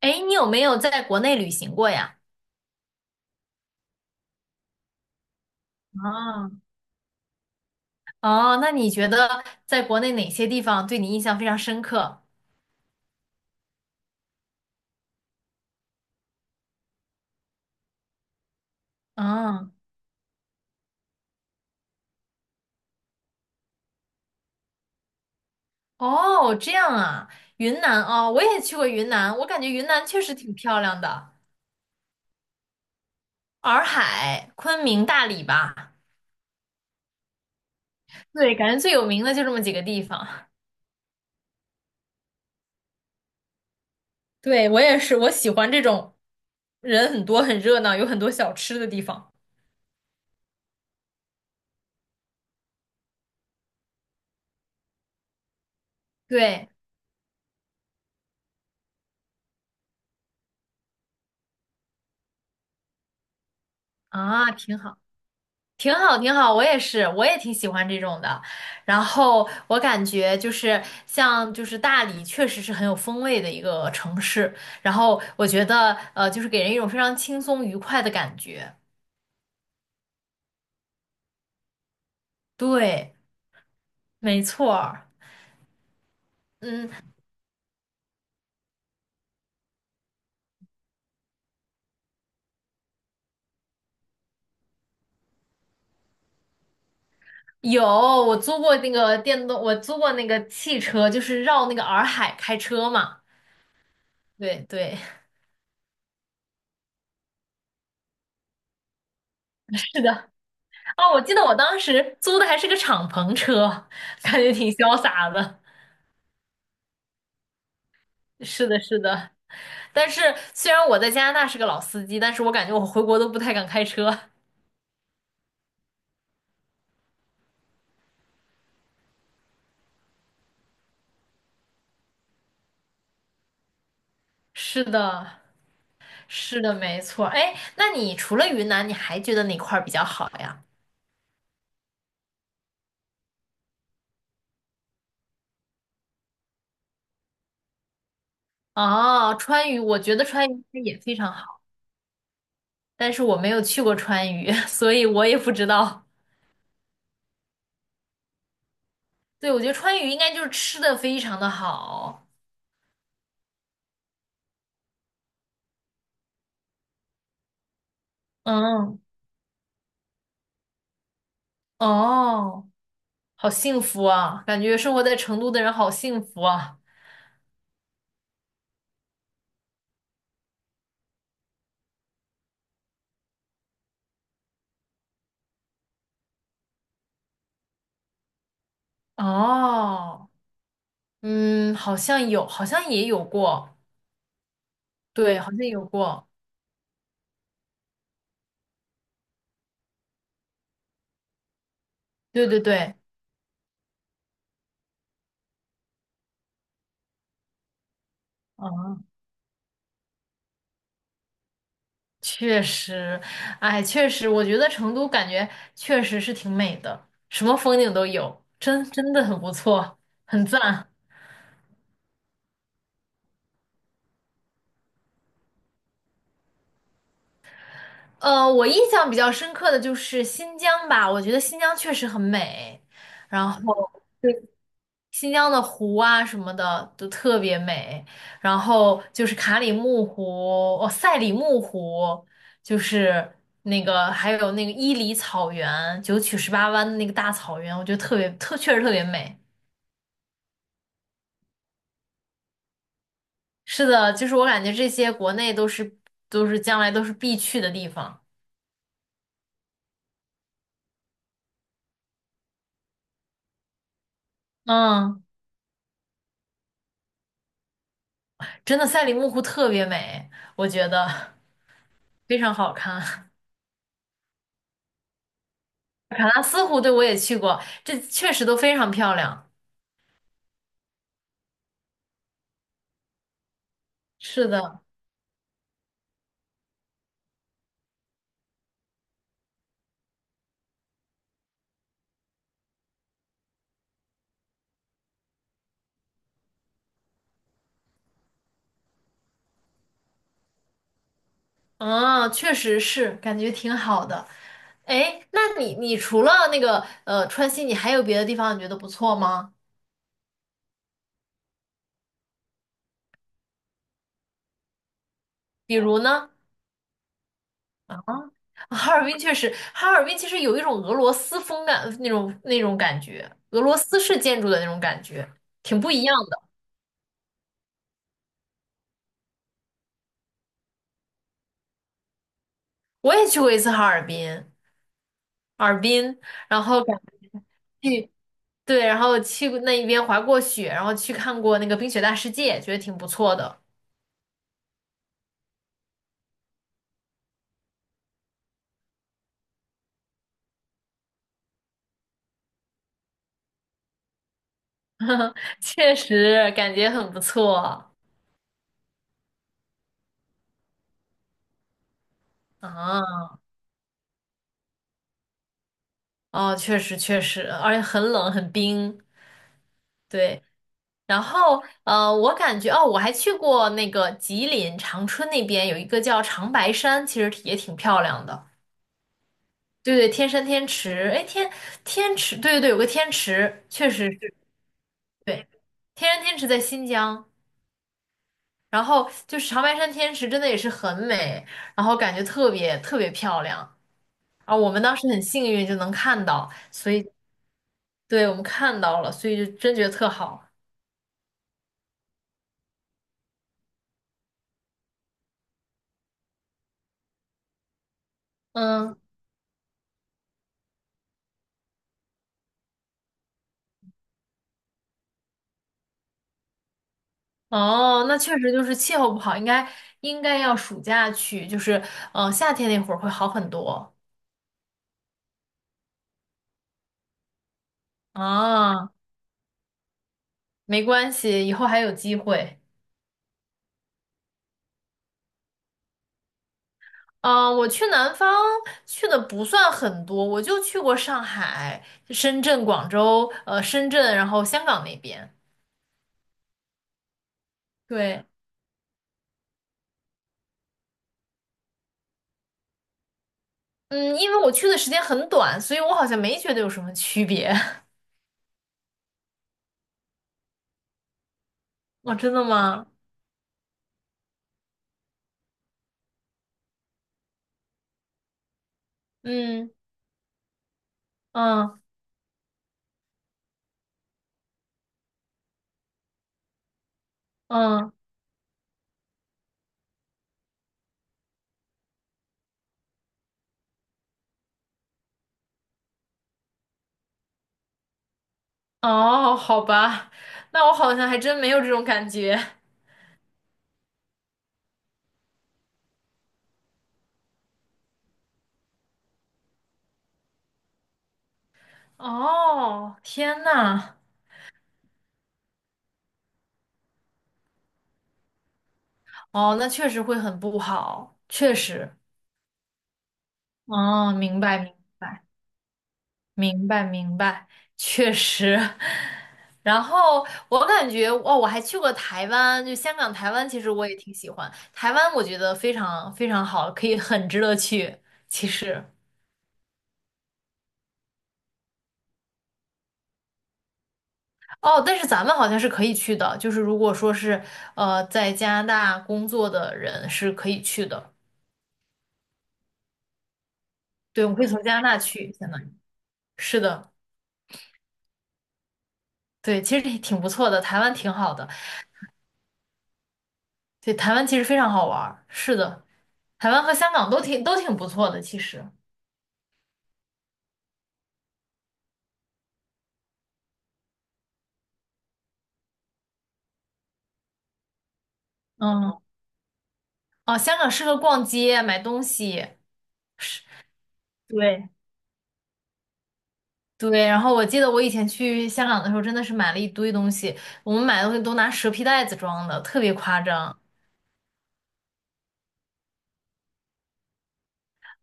哎，你有没有在国内旅行过呀？啊，哦，那你觉得在国内哪些地方对你印象非常深刻？嗯，哦，这样啊，云南哦，我也去过云南，我感觉云南确实挺漂亮的，洱海、昆明、大理吧，对，感觉最有名的就这么几个地方。对，我也是，我喜欢这种人很多、很热闹、有很多小吃的地方。对，啊，挺好。挺好，挺好，我也是，我也挺喜欢这种的。然后我感觉就是像就是大理，确实是很有风味的一个城市。然后我觉得就是给人一种非常轻松愉快的感觉。对，没错儿。嗯，有，我租过那个电动，我租过那个汽车，就是绕那个洱海开车嘛。对对，是的。哦，我记得我当时租的还是个敞篷车，感觉挺潇洒的。是的，是的。但是虽然我在加拿大是个老司机，但是我感觉我回国都不太敢开车。是的，是的，没错。哎，那你除了云南，你还觉得哪块儿比较好呀？哦，川渝，我觉得川渝它也非常好，但是我没有去过川渝，所以我也不知道。对，我觉得川渝应该就是吃的非常的好。嗯，哦，好幸福啊，感觉生活在成都的人好幸福啊。哦，嗯，好像有，好像也有过。对，好像有过，对对对，嗯，确实，哎，确实，我觉得成都感觉确实是挺美的，什么风景都有，真真的很不错，很赞。我印象比较深刻的就是新疆吧，我觉得新疆确实很美。然后。新疆的湖啊什么的都特别美，然后就是卡里木湖，哦，赛里木湖，就是那个还有那个伊犁草原，九曲十八弯的那个大草原，我觉得特别特确实特别美。是的，就是我感觉这些国内都是将来都是必去的地方。嗯，真的赛里木湖特别美，我觉得非常好看。喀纳斯湖对我也去过，这确实都非常漂亮。是的。啊，确实是，感觉挺好的。哎，那你除了那个川西，你还有别的地方你觉得不错吗？比如呢，哈尔滨确实，哈尔滨其实有一种俄罗斯风感那种感觉，俄罗斯式建筑的那种感觉，挺不一样的。我也去过一次哈尔滨，哈尔滨，然后感去对，然后去过那一边滑过雪，然后去看过那个冰雪大世界，觉得挺不错的，确实感觉很不错啊。哦，确实确实，而且很冷很冰，对。然后我感觉哦，我还去过那个吉林长春那边有一个叫长白山，其实也挺漂亮的。对对，天山天池，哎，天池，对对对，有个天池，确实是，对，天山天池在新疆。然后就是长白山天池，真的也是很美，然后感觉特别特别漂亮啊！我们当时很幸运就能看到，所以对我们看到了，所以就真觉得特好，嗯。哦，那确实就是气候不好，应该要暑假去，就是夏天那会儿会好很多啊，没关系，以后还有机会。嗯，我去南方去的不算很多，我就去过上海、深圳、广州，深圳，然后香港那边。对，嗯，因为我去的时间很短，所以我好像没觉得有什么区别。哦，真的吗？嗯嗯嗯，哦，好吧，那我好像还真没有这种感觉。哦，天呐，哦，那确实会很不好，确实，哦，明白。明白明白，确实。然后我感觉，哦，我还去过台湾，就香港、台湾，其实我也挺喜欢。台湾我觉得非常非常好，可以很值得去。其实，哦，但是咱们好像是可以去的，就是如果说是在加拿大工作的人是可以去的，对，我们可以从加拿大去，相当于是的。对，其实也挺不错的，台湾挺好的。对，台湾其实非常好玩儿。是的，台湾和香港都挺不错的，其实。嗯，哦，香港适合逛街、买东西。是，对对。然后我记得我以前去香港的时候，真的是买了一堆东西，我们买的东西都拿蛇皮袋子装的，特别夸张。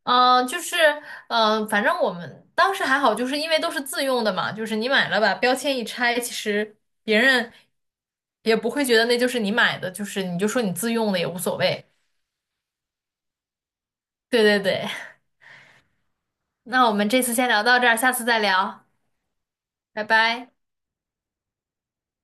嗯、呃就是，嗯，反正我们当时还好，就是因为都是自用的嘛，就是你买了把标签一拆，其实别人也不会觉得那就是你买的，就是你就说你自用的也无所谓。对对对，那我们这次先聊到这儿，下次再聊，拜拜。